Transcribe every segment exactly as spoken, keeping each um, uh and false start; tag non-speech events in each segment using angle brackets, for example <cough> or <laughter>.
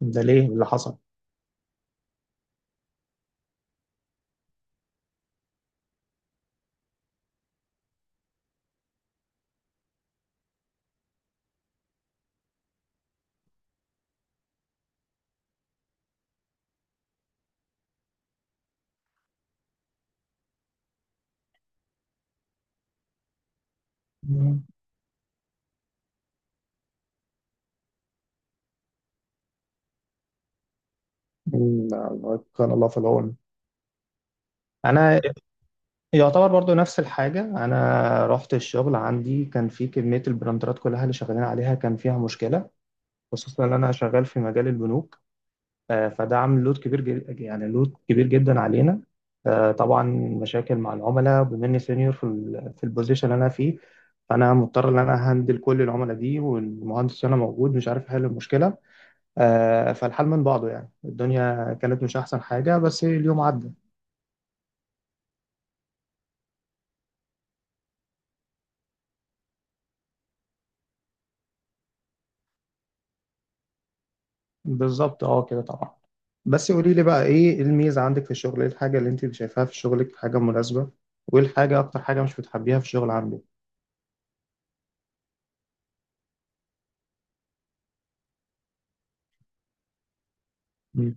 ده ليه؟ إيه اللي حصل؟ مم. مم، كان الله في العون. انا يعتبر برضو نفس الحاجه، انا رحت الشغل. عندي كان في كميه البراندرات كلها اللي شغالين عليها كان فيها مشكله، خصوصا ان انا شغال في مجال البنوك. آه، فده عامل لود كبير جد، يعني لود كبير جدا علينا. آه، طبعا مشاكل مع العملاء، بما اني سينيور في ال- في البوزيشن اللي انا فيه، فانا مضطر ان انا هندل كل العملاء دي والمهندس هنا موجود مش عارف احل المشكله. آه، فالحال من بعضه، يعني الدنيا كانت مش أحسن حاجة بس اليوم عدى. بالظبط، اه، كده طبعا. بس قولي لي بقى، إيه الميزة عندك في الشغل؟ إيه الحاجة اللي أنت شايفاها في شغلك، حاجة مناسبة؟ وإيه الحاجة، أكتر حاجة مش بتحبيها في الشغل عندك؟ مم.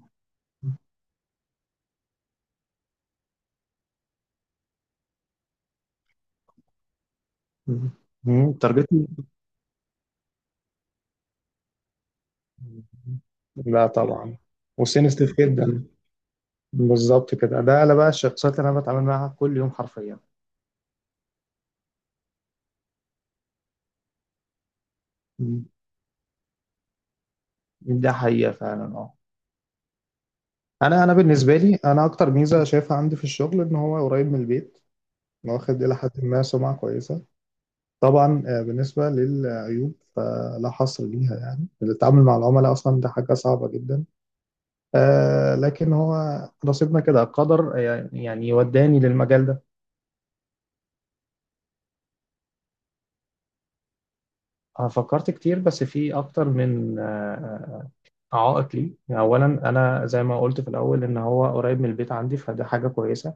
مم. مم، تارجتني. لا طبعا. وسنسيتيف جدا. بالظبط كده، ده انا بقى الشخصيات اللي انا بتعامل معاها كل يوم حرفيا. مم. ده حقيقة فعلا، اه. انا انا بالنسبة لي، انا اكتر ميزة شايفها عندي في الشغل ان هو قريب من البيت، واخد إلى حد ما سمعة كويسة. طبعا، آه، بالنسبة للعيوب فلا حصر ليها، يعني التعامل مع العملاء أصلا ده حاجة صعبة جدا. آه، لكن هو نصيبنا كده قدر، آه، يعني وداني للمجال ده. آه، فكرت كتير، بس في أكتر من آه، آه، عائق لي. يعني أولا أنا زي ما قلت في الأول، إن هو قريب من البيت عندي، فده حاجة كويسة.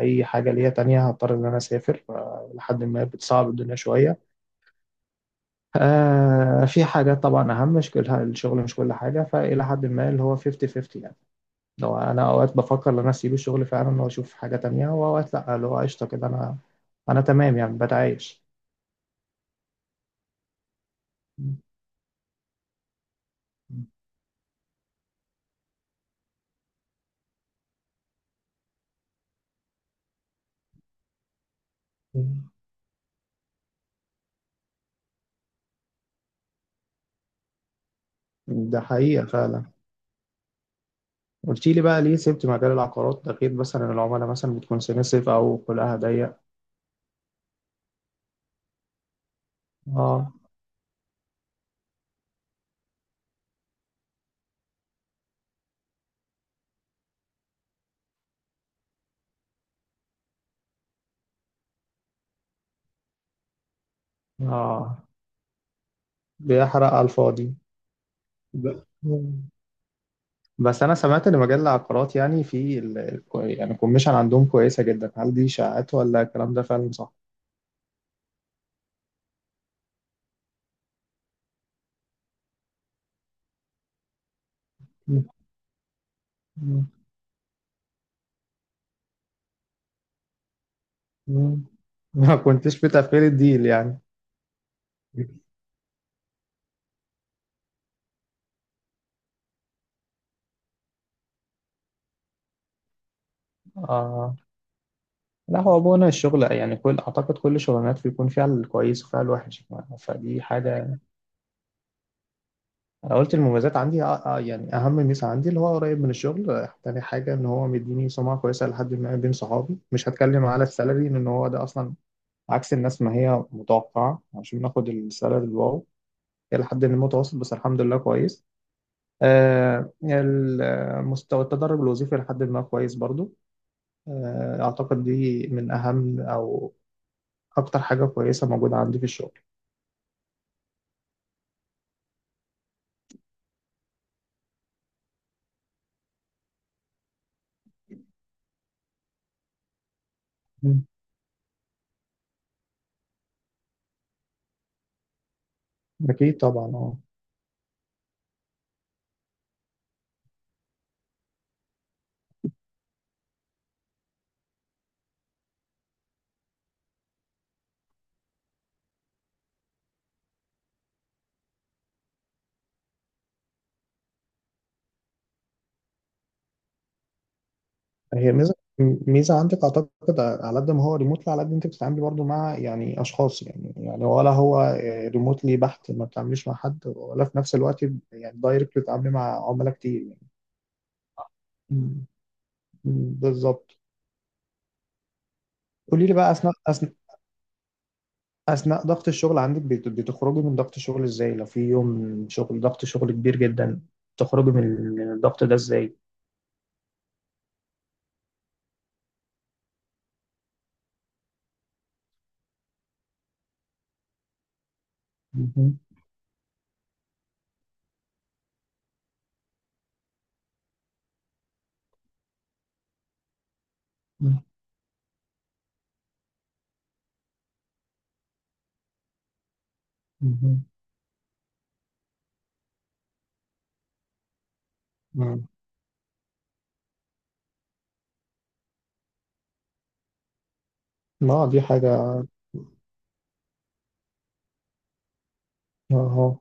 أي حاجة ليا تانية هضطر إن أنا أسافر، آه، لحد ما بتصعب الدنيا شوية. آه في حاجات طبعا أهم، مش كل الشغل، مش كل حاجة، فإلى حد ما اللي هو خمسين خمسين. يعني لو، أنا أوقات بفكر إن أنا أسيب الشغل فعلا وأشوف حاجة تانية، وأوقات لأ اللي هو قشطة كده، أنا أنا تمام يعني، بتعايش. ده حقيقة فعلا. قلت لي بقى ليه سبت مجال العقارات ده، غير مثلا العملاء مثلا بتكون سنسيف أو خلقها ضيق. اه، اه، بيحرق على الفاضي. ب- بس انا سمعت ان مجال العقارات، يعني في ال... ال- يعني الكوميشن عندهم كويسه جدا، هل دي اشاعات ولا الكلام ده فعلا صح؟ <laughs> م- م- م. ما كنتش متقبل الديل يعني. آه. لا هو بونا الشغل يعني، كل اعتقد كل شغلانات بيكون فيها الكويس وفيها الوحش. فدي حاجه. انا قلت المميزات عندي آه آه يعني اهم ميزه عندي اللي هو قريب من الشغل، تاني حاجه ان هو مديني سمعه كويسه لحد ما بين صحابي. مش هتكلم على السالري لان هو ده اصلا عكس الناس ما هي متوقعة، عشان ناخد السالري الواو، هي لحد ما متوسط بس الحمد لله كويس. آه، ال- مستوى التدرج الوظيفي لحد ما كويس برضو. آه، أعتقد دي من أهم أو أكتر حاجة كويسة موجودة عندي في الشغل. مم. أكيد طبعا، أه. هي ميزة، ميزة عندك أعتقد، على قد ما هو ريموتلي، على قد أنت بتتعاملي برضو مع يعني أشخاص، يعني يعني ولا هو ريموتلي بحت ما بتتعامليش مع حد، ولا في نفس الوقت يعني دايركت بتتعاملي مع عملاء كتير يعني. بالظبط. قولي لي بقى، اثناء اثناء اثناء ضغط الشغل عندك بت- بتخرجي من ضغط الشغل ازاي؟ لو في يوم شغل، ضغط شغل كبير جدا، تخرجي من من الضغط ده ازاي؟ مهم. مهم. مهم. مم. ما دي حاجة. اهو،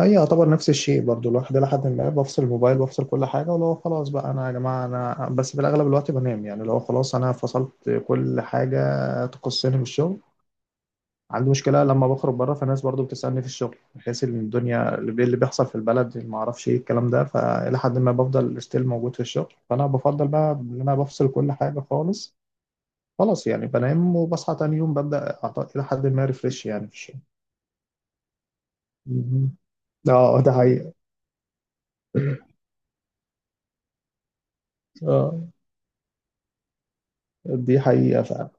هي يعتبر نفس الشيء برضو، الواحد لحد ما بفصل الموبايل، بفصل كل حاجة. ولو خلاص بقى أنا، يا جماعة أنا بس، في الأغلب الوقت بنام. يعني لو خلاص أنا فصلت كل حاجة تخصني بالشغل. عندي مشكلة لما بخرج بره، فالناس برضو بتسألني في الشغل، بحيث ان الدنيا اللي بي- اللي بيحصل في البلد، ما اعرفش ايه الكلام ده، فإلى حد ما بفضل ستيل موجود في الشغل. فأنا بفضل بقى ان انا بفصل كل حاجة خالص، خلاص يعني، بنام وبصحى تاني يوم ببدأ أعط- إلى حد ما ريفريش يعني في الشغل. مهم. اه ده حقيقة، اه. دي حقيقة فعلا.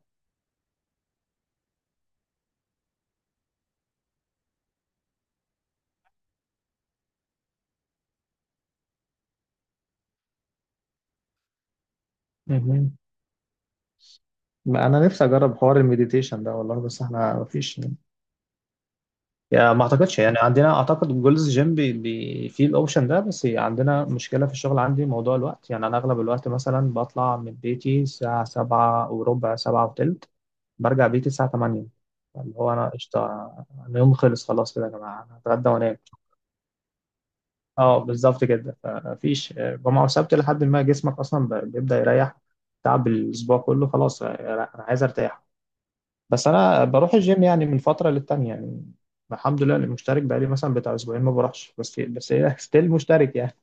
مهم. ما أنا نفسي أجرب حوار المديتيشن ده والله، بس احنا مفيش يعني، ما اعتقدش يعني عندنا، اعتقد جولز جيم بي بي فيه الاوبشن ده، بس عندنا مشكله في الشغل عندي، موضوع الوقت. يعني انا اغلب الوقت مثلا بطلع من بيتي الساعه سبعة وربع، سبعة وتلت، برجع بيتي الساعه ثمانية. اللي هو انا قشطه، انا يوم خلص خلاص كده، يا جماعه انا هتغدى وانام. اه بالظبط كده، فمفيش آه، جمعه وسبت لحد ما جسمك اصلا ب- بيبدا يريح. تعب الاسبوع كله خلاص، آه، انا عايز ارتاح. بس انا بروح الجيم يعني من فتره للتانيه يعني، الحمد لله أنا مشترك، بقالي مثلا بتاع اسبوعين ما بروحش، بس بس هي <laughs> ستيل مشترك يعني.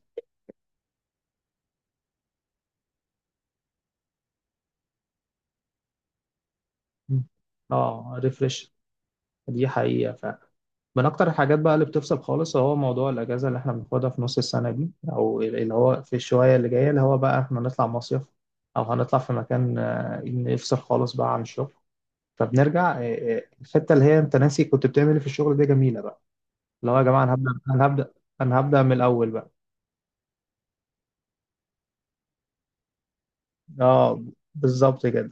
مم. اه ريفرش، دي حقيقه فعلا. من اكتر الحاجات بقى اللي بتفصل خالص هو موضوع الاجازه اللي احنا بناخدها في نص السنه دي، او اللي هو في الشويه اللي جايه، اللي هو بقى احنا هنطلع مصيف او هنطلع في مكان، آه، نفصل خالص بقى عن الشغل. فبنرجع، آه، آه، الحته اللي هي انت ناسي كنت بتعمل ايه في الشغل، دي جميله بقى. اللي هو يا جماعه انا هبدا، انا هبدا، انا هبدا من الاول بقى. اه بالظبط كده.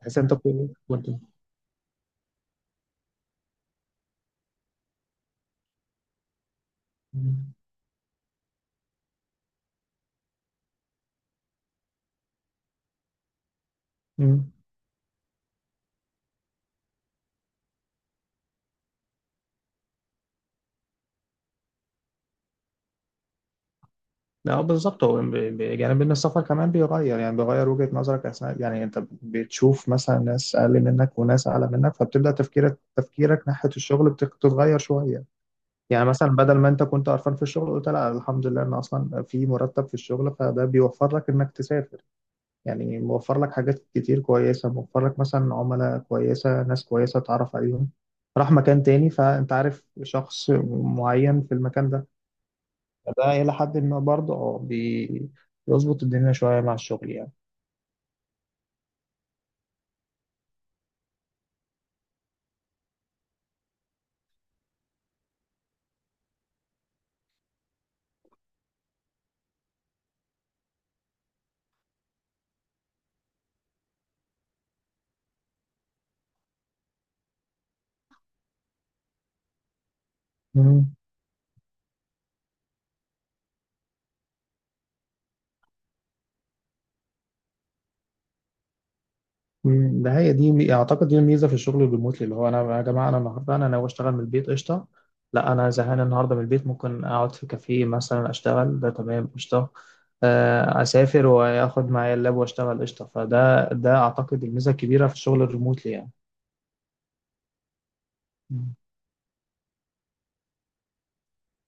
تحس إن انت كل- كنت. مم. لا بالظبط، هو ب- ب- يعني ان السفر كمان بيغير، يعني بيغير وجهة نظرك اثناء، يعني انت بتشوف مثلا ناس اقل منك وناس اعلى منك، فبتبدا تفكيرك، تفكيرك ناحية الشغل بتك- بتتغير شوية. يعني مثلا بدل ما انت كنت قرفان في الشغل، قلت لا الحمد لله ان اصلا في مرتب في الشغل، فده بيوفر لك انك تسافر. يعني موفر لك حاجات كتير كويسة، موفر لك مثلا عملاء كويسة، ناس كويسة تعرف عليهم، راح مكان تاني فأنت عارف شخص معين في المكان ده. فده إلى حد ما برضه، اه، بي- بيظبط الدنيا شوية مع الشغل يعني. مم. مم، ده هي دي مي- اعتقد دي الميزه في الشغل الريموتلي، اللي هو، انا يا جماعه انا النهارده انا ناوي اشتغل من البيت قشطه. لا انا زهقان النهارده من البيت، ممكن اقعد في كافيه مثلا اشتغل، ده تمام قشطه. آه، اسافر واخد معايا اللاب واشتغل قشطه، فده ده اعتقد الميزه الكبيره في الشغل الريموتلي يعني.